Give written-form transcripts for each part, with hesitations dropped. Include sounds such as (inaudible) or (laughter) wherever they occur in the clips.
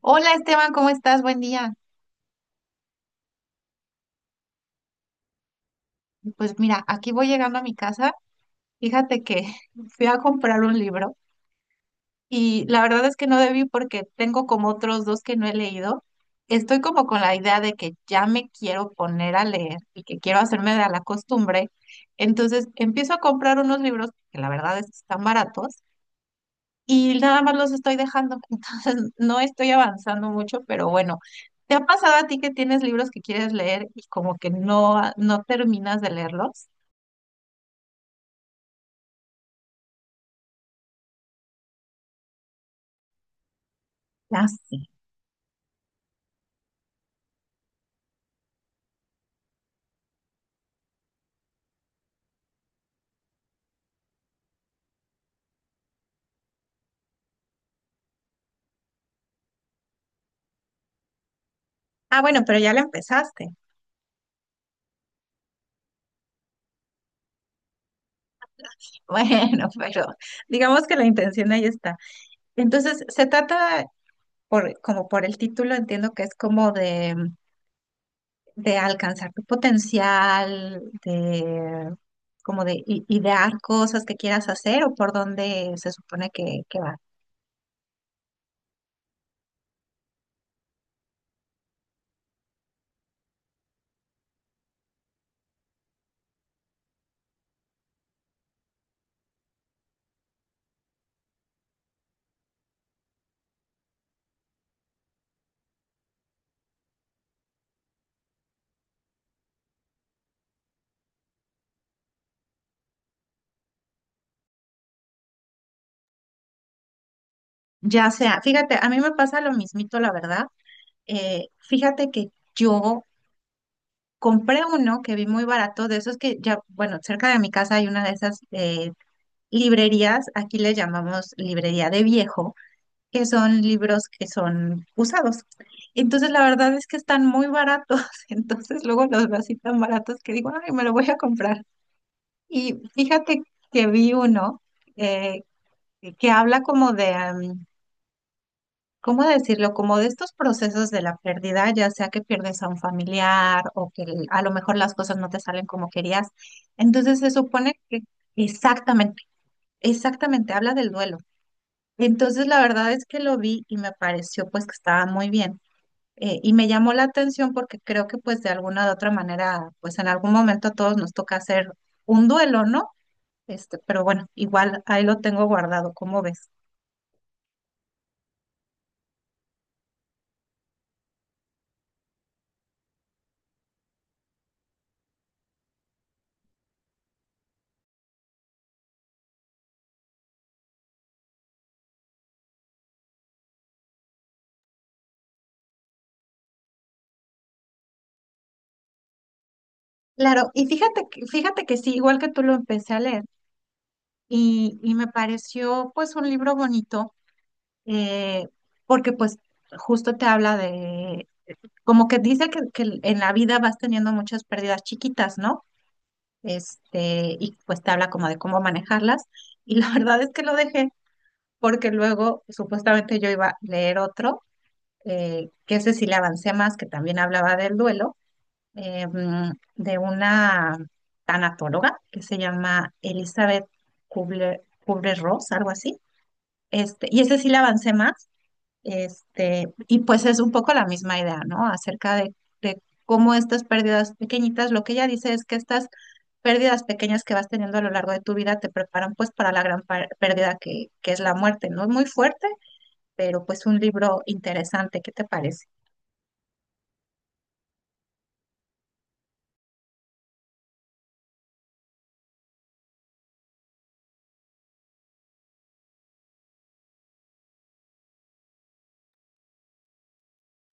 Hola Esteban, ¿cómo estás? Buen día. Pues mira, aquí voy llegando a mi casa. Fíjate que (laughs) fui a comprar un libro y la verdad es que no debí porque tengo como otros dos que no he leído. Estoy como con la idea de que ya me quiero poner a leer y que quiero hacerme de la costumbre. Entonces empiezo a comprar unos libros que la verdad es que están baratos y nada más los estoy dejando, (laughs) entonces no estoy avanzando mucho, pero bueno, ¿te ha pasado a ti que tienes libros que quieres leer y como que no, no terminas de leerlos? Ah, sí. Ah, bueno, pero ya la empezaste. (laughs) Bueno, pero digamos que la intención ahí está. Entonces, se trata, como por el título, entiendo que es como de, alcanzar tu potencial, de como de idear cosas que quieras hacer o por dónde se supone que va. Ya sea, fíjate, a mí me pasa lo mismito, la verdad. Fíjate que yo compré uno que vi muy barato, de esos que ya, bueno, cerca de mi casa hay una de esas librerías, aquí le llamamos librería de viejo, que son libros que son usados. Entonces, la verdad es que están muy baratos, (laughs) entonces luego los veo así tan baratos que digo, ay, me lo voy a comprar. Y fíjate que vi uno eh, que habla como de¿cómo decirlo? Como de estos procesos de la pérdida, ya sea que pierdes a un familiar o que a lo mejor las cosas no te salen como querías. Entonces se supone que exactamente, exactamente habla del duelo. Entonces la verdad es que lo vi y me pareció pues que estaba muy bien. Y me llamó la atención porque creo que pues de alguna u otra manera, pues en algún momento a todos nos toca hacer un duelo, ¿no? Este, pero bueno, igual ahí lo tengo guardado, ¿cómo ves? Claro, y fíjate que sí, igual que tú lo empecé a leer. Y me pareció pues un libro bonito eh, porque pues justo te habla como que dice que, en la vida vas teniendo muchas pérdidas chiquitas, ¿no? Este, y pues te habla como de cómo manejarlas y la (laughs) verdad es que lo dejé porque luego supuestamente yo iba a leer otro, que ese sí le avancé más, que también hablaba del duelo, de una tanatóloga que se llama Elizabeth Kubler-Ross, algo así. Este, y ese sí le avancé más, este, y pues es un poco la misma idea, ¿no? Acerca de cómo estas pérdidas pequeñitas, lo que ella dice es que estas pérdidas pequeñas que vas teniendo a lo largo de tu vida te preparan pues para la gran pérdida que es la muerte, ¿no? Muy fuerte, pero pues un libro interesante, ¿qué te parece?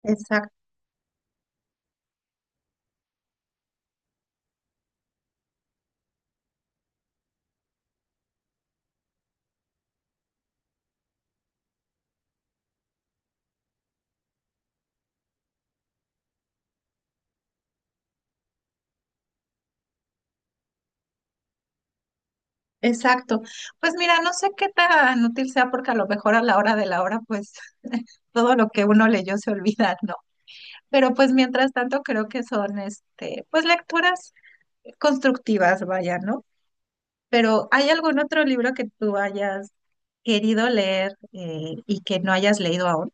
Exacto. Exacto. Pues mira, no sé qué tan útil sea porque a lo mejor a la hora de la hora, pues (laughs) todo lo que uno leyó se olvida, ¿no? Pero pues mientras tanto creo que son este, pues lecturas constructivas, vaya, ¿no? Pero ¿hay algún otro libro que tú hayas querido leer y que no hayas leído aún?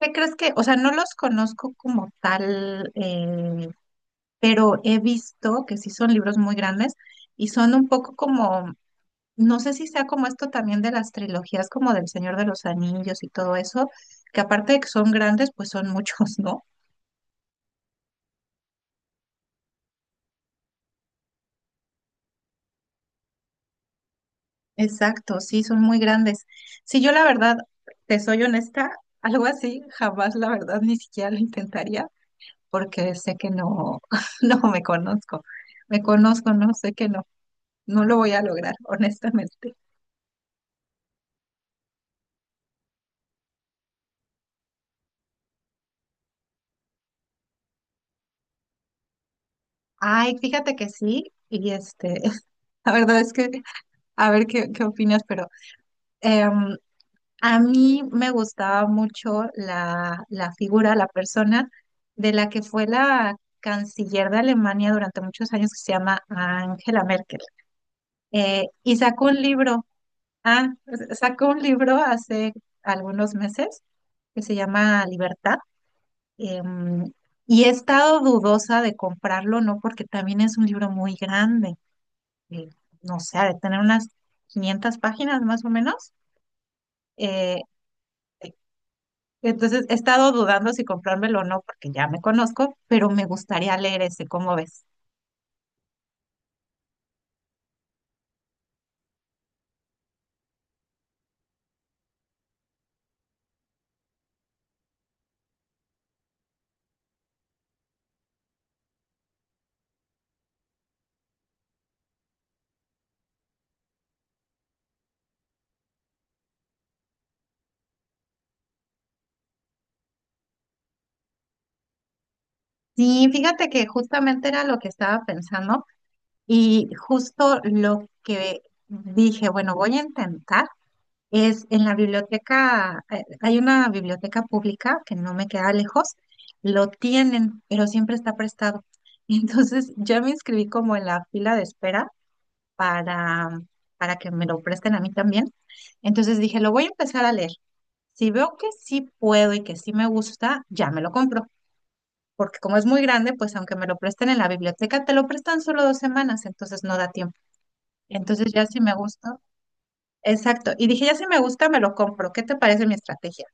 ¿Qué crees que, o sea, no los conozco como tal, pero he visto que sí son libros muy grandes y son un poco como, no sé si sea como esto también de las trilogías como del Señor de los Anillos y todo eso, que aparte de que son grandes, pues son muchos, ¿no? Exacto, sí, son muy grandes. Si yo la verdad, te soy honesta, (laughs) algo así, jamás la verdad ni siquiera lo intentaría porque sé que no, (laughs) no me conozco, me conozco, no sé que no, no lo voy a lograr, honestamente. Ay, fíjate que sí, y este, (laughs) la verdad es que, a ver qué opinas, pero em, a mí me gustaba mucho la figura, la persona de la que fue la canciller de Alemania durante muchos años, que se llama Angela Merkel. Y sacó un libro, ah, sacó un libro hace algunos meses que se llama Libertad. em, y he estado dudosa de comprarlo, ¿no? Porque también es un libro muy grande, eh, no sé, ha de tener unas 500 páginas más o menos. Eh, Entonces he estado dudando si comprármelo o no, porque ya me conozco, pero me gustaría leer ese, ¿cómo ves? Sí, fíjate que justamente era lo que estaba pensando y justo lo que dije, bueno, voy a intentar, es en la biblioteca, hay una biblioteca pública que no me queda lejos, lo tienen, pero siempre está prestado. (laughs) Entonces yo me inscribí como en la fila de espera para, para, que me lo presten a mí también. Entonces dije, lo voy a empezar a leer. Si veo que sí puedo y que sí me gusta, ya me lo compro. Porque como es muy grande, pues aunque me lo presten en la biblioteca, te lo prestan solo 2 semanas, entonces no da tiempo. Entonces ya si me gusta, exacto. Y dije, ya si me gusta, me lo compro. ¿Qué te parece mi estrategia?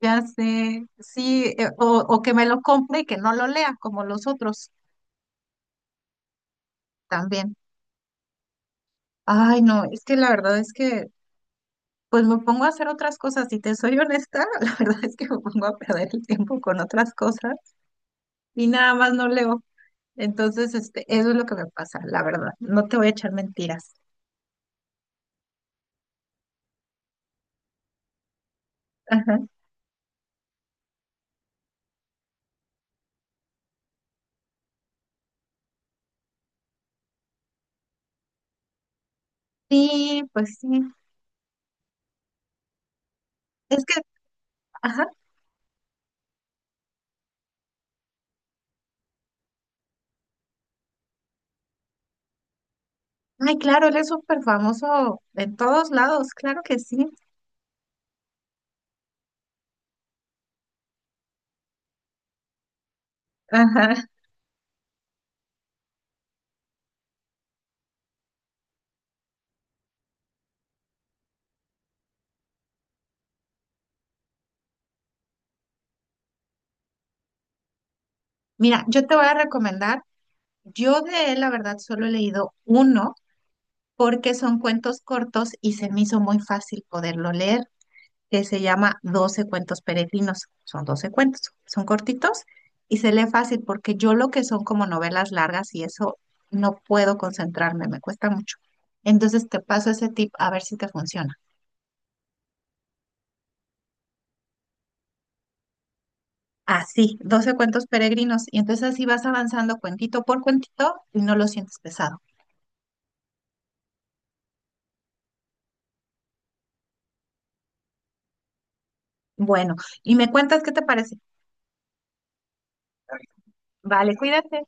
Ya sé, sí, o que me lo compre y que no lo lea como los otros también. Ay, no, es que la verdad es que pues me pongo a hacer otras cosas, si te soy honesta, (laughs) la verdad es que me pongo a perder el tiempo con otras cosas y nada más no leo. Entonces, este, eso es lo que me pasa, la verdad. No te voy a echar mentiras. Ajá. Sí, pues sí. Es que, ajá. Ay, claro, él es súper famoso en todos lados, claro que sí. Ajá. Mira, yo te voy a recomendar, yo de él, la verdad, solo he leído uno porque son cuentos cortos y se me hizo muy fácil poderlo leer. Que se llama Doce cuentos peregrinos. Son 12 cuentos, son cortitos y se lee fácil porque yo lo que son como novelas largas y eso no puedo concentrarme, me cuesta mucho. Entonces te paso ese tip a ver si te funciona. Así, Doce cuentos peregrinos y entonces así vas avanzando cuentito por cuentito y no lo sientes pesado. Bueno, y me cuentas qué te parece. Vale, cuídate.